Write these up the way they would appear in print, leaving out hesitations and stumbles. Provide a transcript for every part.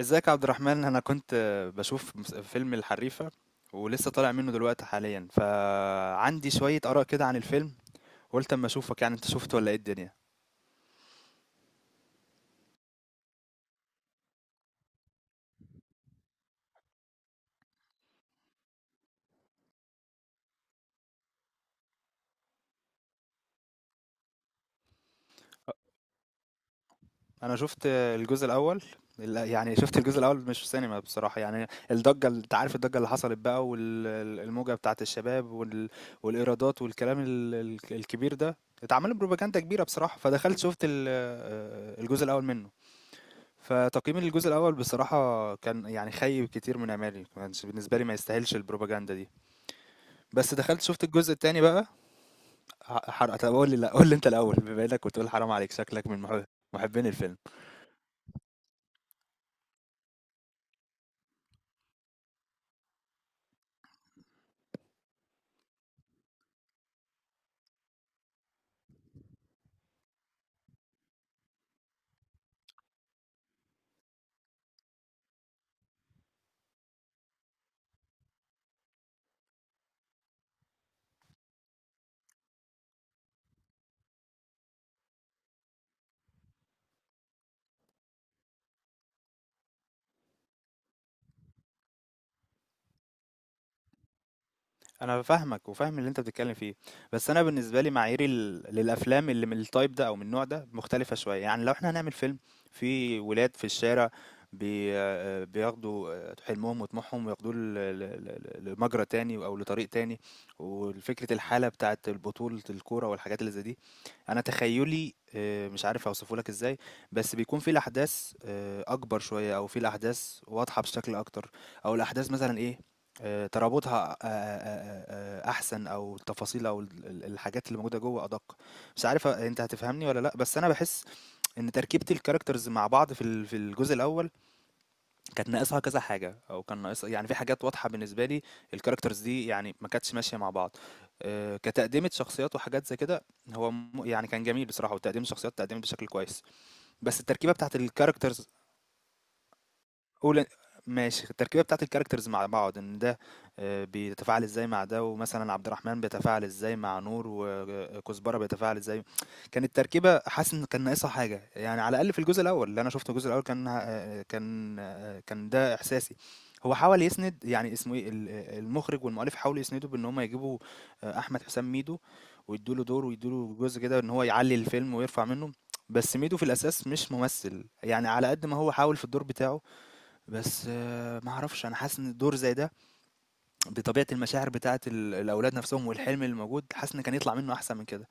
ازيك يا عبد الرحمن، انا كنت بشوف فيلم الحريفة، ولسه طالع منه دلوقتي حاليا، فعندي شوية آراء كده عن الفيلم. قلت اما اشوفك، يعني انت شفت ولا ايه الدنيا؟ انا شفت الجزء الاول، يعني شفت الجزء الاول مش في سينما بصراحة، يعني الضجة، انت عارف الضجة اللي حصلت بقى والموجة بتاعت الشباب، والإيرادات والكلام الكبير ده، اتعمل بروباجندا كبيرة بصراحة. فدخلت شفت الجزء الاول منه. فتقييمي للجزء الأول بصراحة كان يعني خيب كتير من آمالي، ما كانش بالنسبة لي، ما يستاهلش البروباجندا دي. بس دخلت شُفت الجزء التاني بقى، حرق. طب قول لي، لا قول لي انت الاول، بما انك بتقول حرام عليك، شكلك من محبين الفيلم. انا فاهمك وفاهم اللي انت بتتكلم فيه. بس انا بالنسبه لي، معاييري للافلام اللي من التايب ده او من النوع ده مختلفه شويه، يعني لو احنا هنعمل فيلم في ولاد في الشارع بي آه، بياخدوا حلمهم وطموحهم وياخدوه لمجرى تاني او لطريق تاني، وفكره الحاله بتاعه البطوله الكوره والحاجات اللي زي دي. انا تخيلي، مش عارف اوصفه لك ازاي، بس بيكون في الاحداث اكبر شويه، او في الاحداث واضحه بشكل اكتر، او الاحداث مثلا ايه، ترابطها أحسن، أو التفاصيل، أو ال ال الحاجات اللي موجودة جوّه أدق. مش عارف أنت هتفهمني والّا لأ، بس أنا باحس إن تركيبة الcharacters مع بعض في الجزء الأول كانت ناقصها كذا حاجة، أو كان ناقصها، يعني في حاجات واضحة بالنسبة لي. الcharacters دي يعني ما كانتش ماشية مع بعض. كتقديمة شخصيات وحاجات زي كده، هو يعني كان جميل بصراحة، وتقديم الشخصيات اتقدمت بشكل كويس، بس التركيبة بتاعة الcharacters، قول ماشي، التركيبه بتاعت الكاركترز مع بعض، ان ده بيتفاعل ازاي مع ده، ومثلا عبد الرحمن بيتفاعل ازاي مع نور، وكزبره بيتفاعل ازاي. كانت تركيبه حاسس ان كان ناقصها حاجه، يعني على الاقل في الجزء الاول اللي انا شفته. الجزء الاول كان ده احساسي. هو حاول يسند، يعني اسمه ايه، المخرج والمؤلف حاولوا يسندوا بان هم يجيبوا احمد حسام ميدو، ويدوا له دور ويدوا له جزء كده، ان هو يعلي الفيلم ويرفع منه. بس ميدو في الاساس مش ممثل، يعني على قد ما هو حاول في الدور بتاعه، بس ما أعرفش، أنا حاسس إن الدور زي ده، بطبيعة المشاعر بتاعة الأولاد نَفْسهم والحلم اللي موجود، حاسس إن كان يطلع منّه أحسن من كده.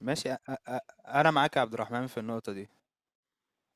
ماشي. أ أ أ أنا معاك يا عبد الرحمن في النقطة دي،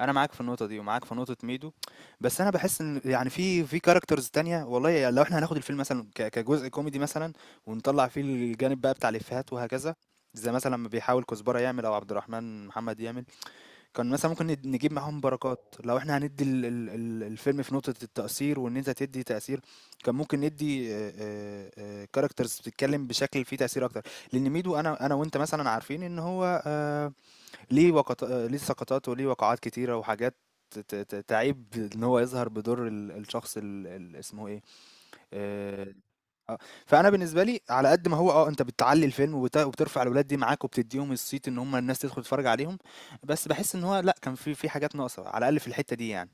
أنا معاك في النقطة دي ومعاك في نقطة ميدو. بس أنا باحس إن، يعني في characters تانية. والله يعني لو إحنا هناخد الفيلم مثلًا كجزء كوميدي مثلًا، ونطلّع فيه الجانب بقى بتاع الإفيهات وهكذا، زي مثلًا ما بيحاول كزبرة يعمل أو عبد الرحمن محمد يعمل. كان مثلا ممكن نجيب معاهم بركات. لو احنا هندي الفيلم في نقطة التأثير وان انت تدي تأثير، كان ممكن ندي كاركترز بتتكلم بشكل فيه تأثير اكتر. لان ميدو، انا وانت مثلا عارفين ان هو ليه وقط... آه، ليه سقطات وليه وقعات كتيرة وحاجات تعيب ان هو يظهر بدور الشخص اسمه ايه. آه، آه، فأنا بالنسبة لي، على قد ما هو أنت بتعلّي الفيلم وبترفع الولاد دي معاك وبتدّيهم الصيت، إن هم الناس تدخل تتفرّج عليهم، بس باحس إن هو لأ، كان في حاجات ناقصة، على الأقل في الحتّة دي يعني.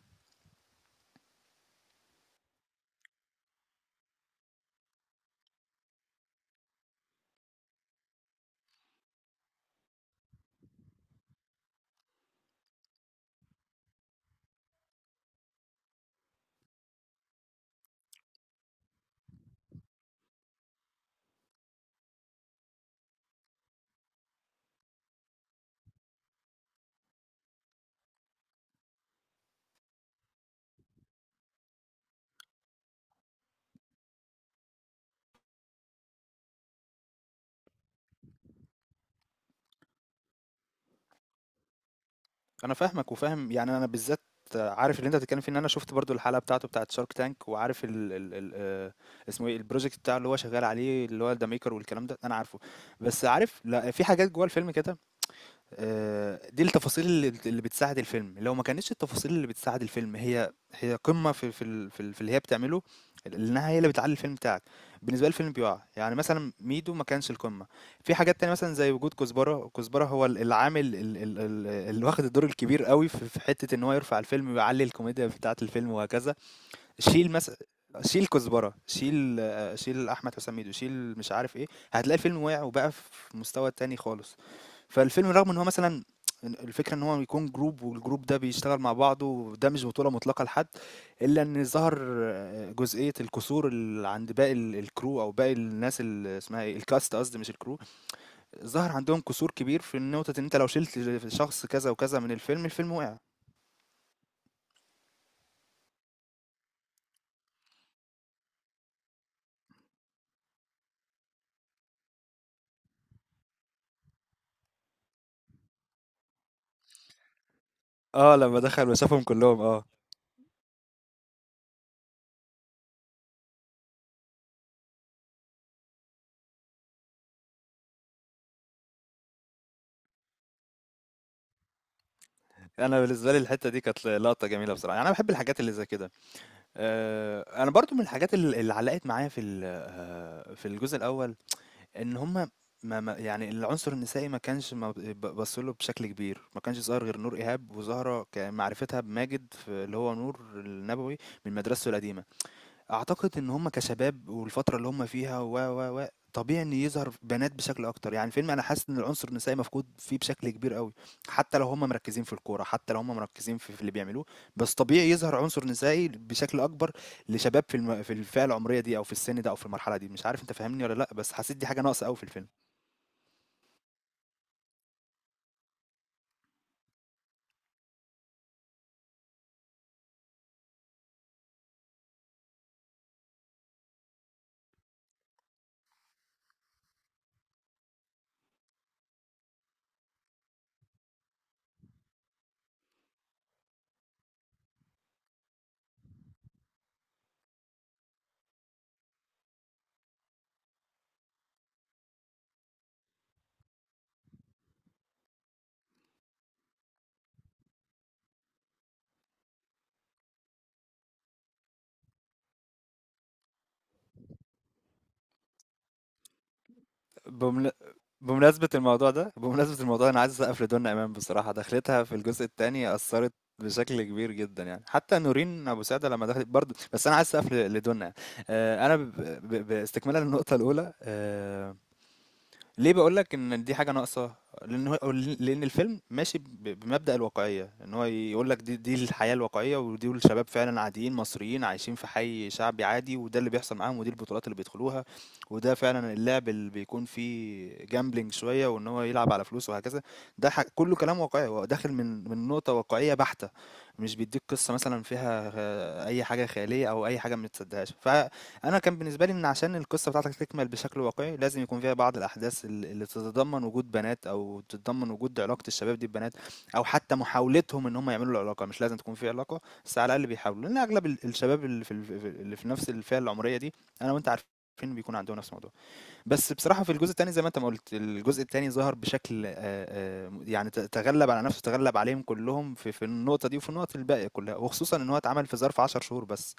أنا فاهمك وفاهم، يعني أنا بالذات عارف اللي أنت بتتكلّم فيه، إن أنا شُفت برضه الحلقة بتاعته بتاعة Shark Tank، وعارف ال ال ال اسمه إيه الproject بتاعه اللي هو شغّال عليه، اللي هو The Maker والكلام ده، أنا عارفه. بس عارف لأ، في حاجات جوّه الفيلم كده، دي التفاصيل اللي بتساعد الفيلم. لو ما كانتش التفاصيل اللي بتساعد الفيلم هي هي قمة في اللي هي بتعمله، لأنها هي اللي بتعلّي الفيلم بتاعك. بالنسبة لي الفيلم بيُقع، يعني مثلًا ميدو ما كانش القمة. في حاجات تانية مثلًا زي وجود كزبرة. كزبرة هو العامل ال ال ال اللي واخد الدور الكبير أوي في حتة إن هو يرفع الفيلم ويعلّي الكوميديا بتاعة الفيلم وهكذا. شيل مثلًا شيل كزبرة، شيل أحمد حسام ميدو، شيل مش عارف إيه، هتلاقي الفيلم وقع وبقى في مستوى تاني خالص. فالفيلم، رغم ان هو مثلا الفكره ان هو يكون جروب والجروب ده بيشتغل مع بعضه، وده مش بطوله مطلقه لحد، الا ان ظهر جزئيه الكسور اللي عند باقي الكرو، او باقي الناس اللي اسمها ايه الكاست، قصدي مش الكرو. ظهر عندهم كسور كبير في النقطه، ان انت لو شلت شخص كذا وكذا من الفيلم، الفيلم وقع. اه، لما دخل وشافهم كلهم. اه، انا بالنسبه لي الحته دي كانت لقطه جميله بصراحه، يعني انا بحب الحاجات اللي زي كده. انا برضو من الحاجات اللي علقت معايا في ال- آه، في الجزء الاول، إن هم ما يعني العنصر النسائي ما كانش ما ب ب بصّوا له بشكل كبير. ما كانش ظاهر غير نور إيهاب وزهرة، كمعرفتها بماجد في اللي هو نور النبوي، من مدرسته القديمة. اعتقد ان هم كشباب والفتره اللي هم فيها، و و و طبيعي ان يظهر بنات بشكل اكتر. يعني الفيلم، انا حاسس ان العنصر النسائي مفقود فيه بشكل كبير قوي. حتى لو هم مركزين في الكوره، حتى لو هم مركزين في اللي بيعملوه، بس طبيعي يظهر عنصر نسائي بشكل اكبر لشباب في الفئه العمريه دي، او في السن ده، او في المرحله دي. مش عارف انت فاهمني ولا لا، بس حسيت دي حاجه ناقصه قوي في الفيلم. بمن... بمناسبة الموضوع ده، أنا عايز أسقف لدنيا إمام. بصراحة دخلتها في الجزء التاني أثرت بشكل كبير جدا، يعني حتى نورين أبو سعدة لما دخلت برضه، بس أنا عايز أسقف لدنيا. أنا باستكمالا للنقطة الأولى، ليه بقول لك ان دي حاجه ناقصه، لان هو لان الفيلم ماشي بمبدأ الواقعيه، ان هو يقول لك دي الحياه الواقعيه، ودي الشباب فعلا عاديين مصريين عايشين في حي شعبي عادي، وده اللي بيحصل معاهم، ودي البطولات اللي بيدخلوها، وده فعلا اللعب اللي بيكون فيه جامبلينج شويه وان هو يلعب على فلوس وهكذا. ده كله كلام واقعي، هو داخل من نقطه واقعيه بحته، مش بيديك قصه مثلا فيها اي حاجه خياليه او اي حاجه ما تصدقهاش. انا كان بالنسبه لي، ان عشان القصه بتاعتك تكمل بشكل واقعي لازم يكون فيها بعض الاحداث اللي تتضمن وجود بنات، او تتضمن وجود علاقه الشباب دي ببنات، او حتى محاولتهم ان هم يعملوا العلاقه. مش لازم تكون في علاقه، بس على الاقل بيحاولوا، لان اغلب الشباب اللي في نفس الفئه العمريه دي، انا وانت عارفين بيكون عندهم نفس الموضوع. بس بصراحه في الجزء الثاني، زي ما انت ما قلت، الجزء الثاني ظهر بشكل يعني تغلب على نفسه، تغلب عليهم كلهم في النقطه دي، وفي النقط الباقيه كلها، وخصوصا ان هو اتعمل في ظرف 10 شهور بس.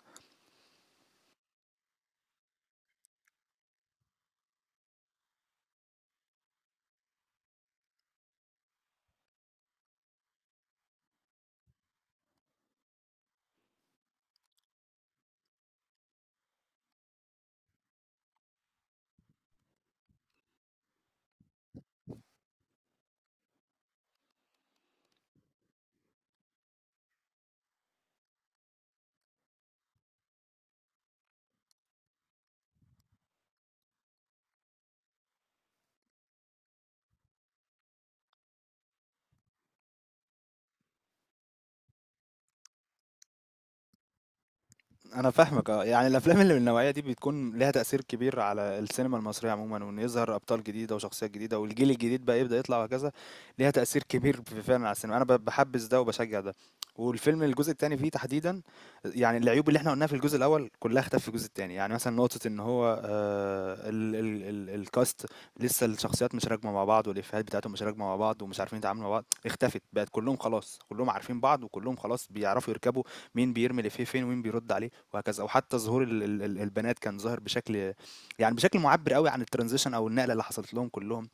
انا فاهمك، اه، يعني الافلام اللي من النوعيه دي بتكون لها تاثير كبير على السينما المصريه عموما، وان يظهر ابطال جديده وشخصيات جديده، والجيل الجديد بقى يبدا يطلع وهكذا. ليها تاثير كبير فعلا على السينما، انا بحبس ده وبشجع ده. والفيلم الجزء الثاني فيه تحديدا، يعني العيوب اللي احنا قلناها في الجزء الاول كلها اختفت في الجزء الثاني، يعني مثلا نقطه ان هو آه ال ال ال الكاست، لسه الشخصيات مش راكمه مع بعض والافيهات بتاعتهم مش راكمه مع بعض ومش عارفين يتعاملوا مع بعض، اختفت. بقت كلهم خلاص كلهم عارفين بعض وكلهم خلاص بيعرفوا يركبوا مين بيرمي الافيه فين ومين بيرد عليه وهكذا. او حتى ظهور البنات كان ظاهر بشكل، بشكل معبر قوي عن الترانزيشن او النقله اللي حصلت لهم كلهم.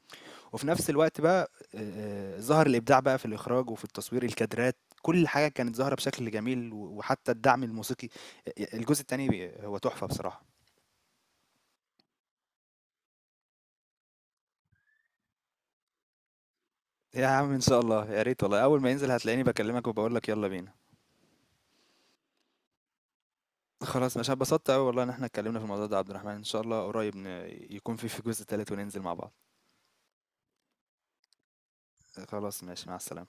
وفي نفس الوقت بقى، ظهر الابداع بقى في الاخراج وفي التصوير، الكادرات، كل حاجه كانت ظاهره بشكل جميل، وحتى الدعم الموسيقي. الجزء الثاني هو تحفه بصراحه. يا عم، ان شاء الله يا ريت، والله اول ما ينزل هتلاقيني بكلمك وبقول لك يلا بينا. خلاص، مش اتبسطت قوي والله ان احنا اتكلمنا في الموضوع ده يا عبد الرحمن، ان شاء الله قريب يكون في جزء ثالث وننزل مع بعض. خلاص ماشي، مع السلامه.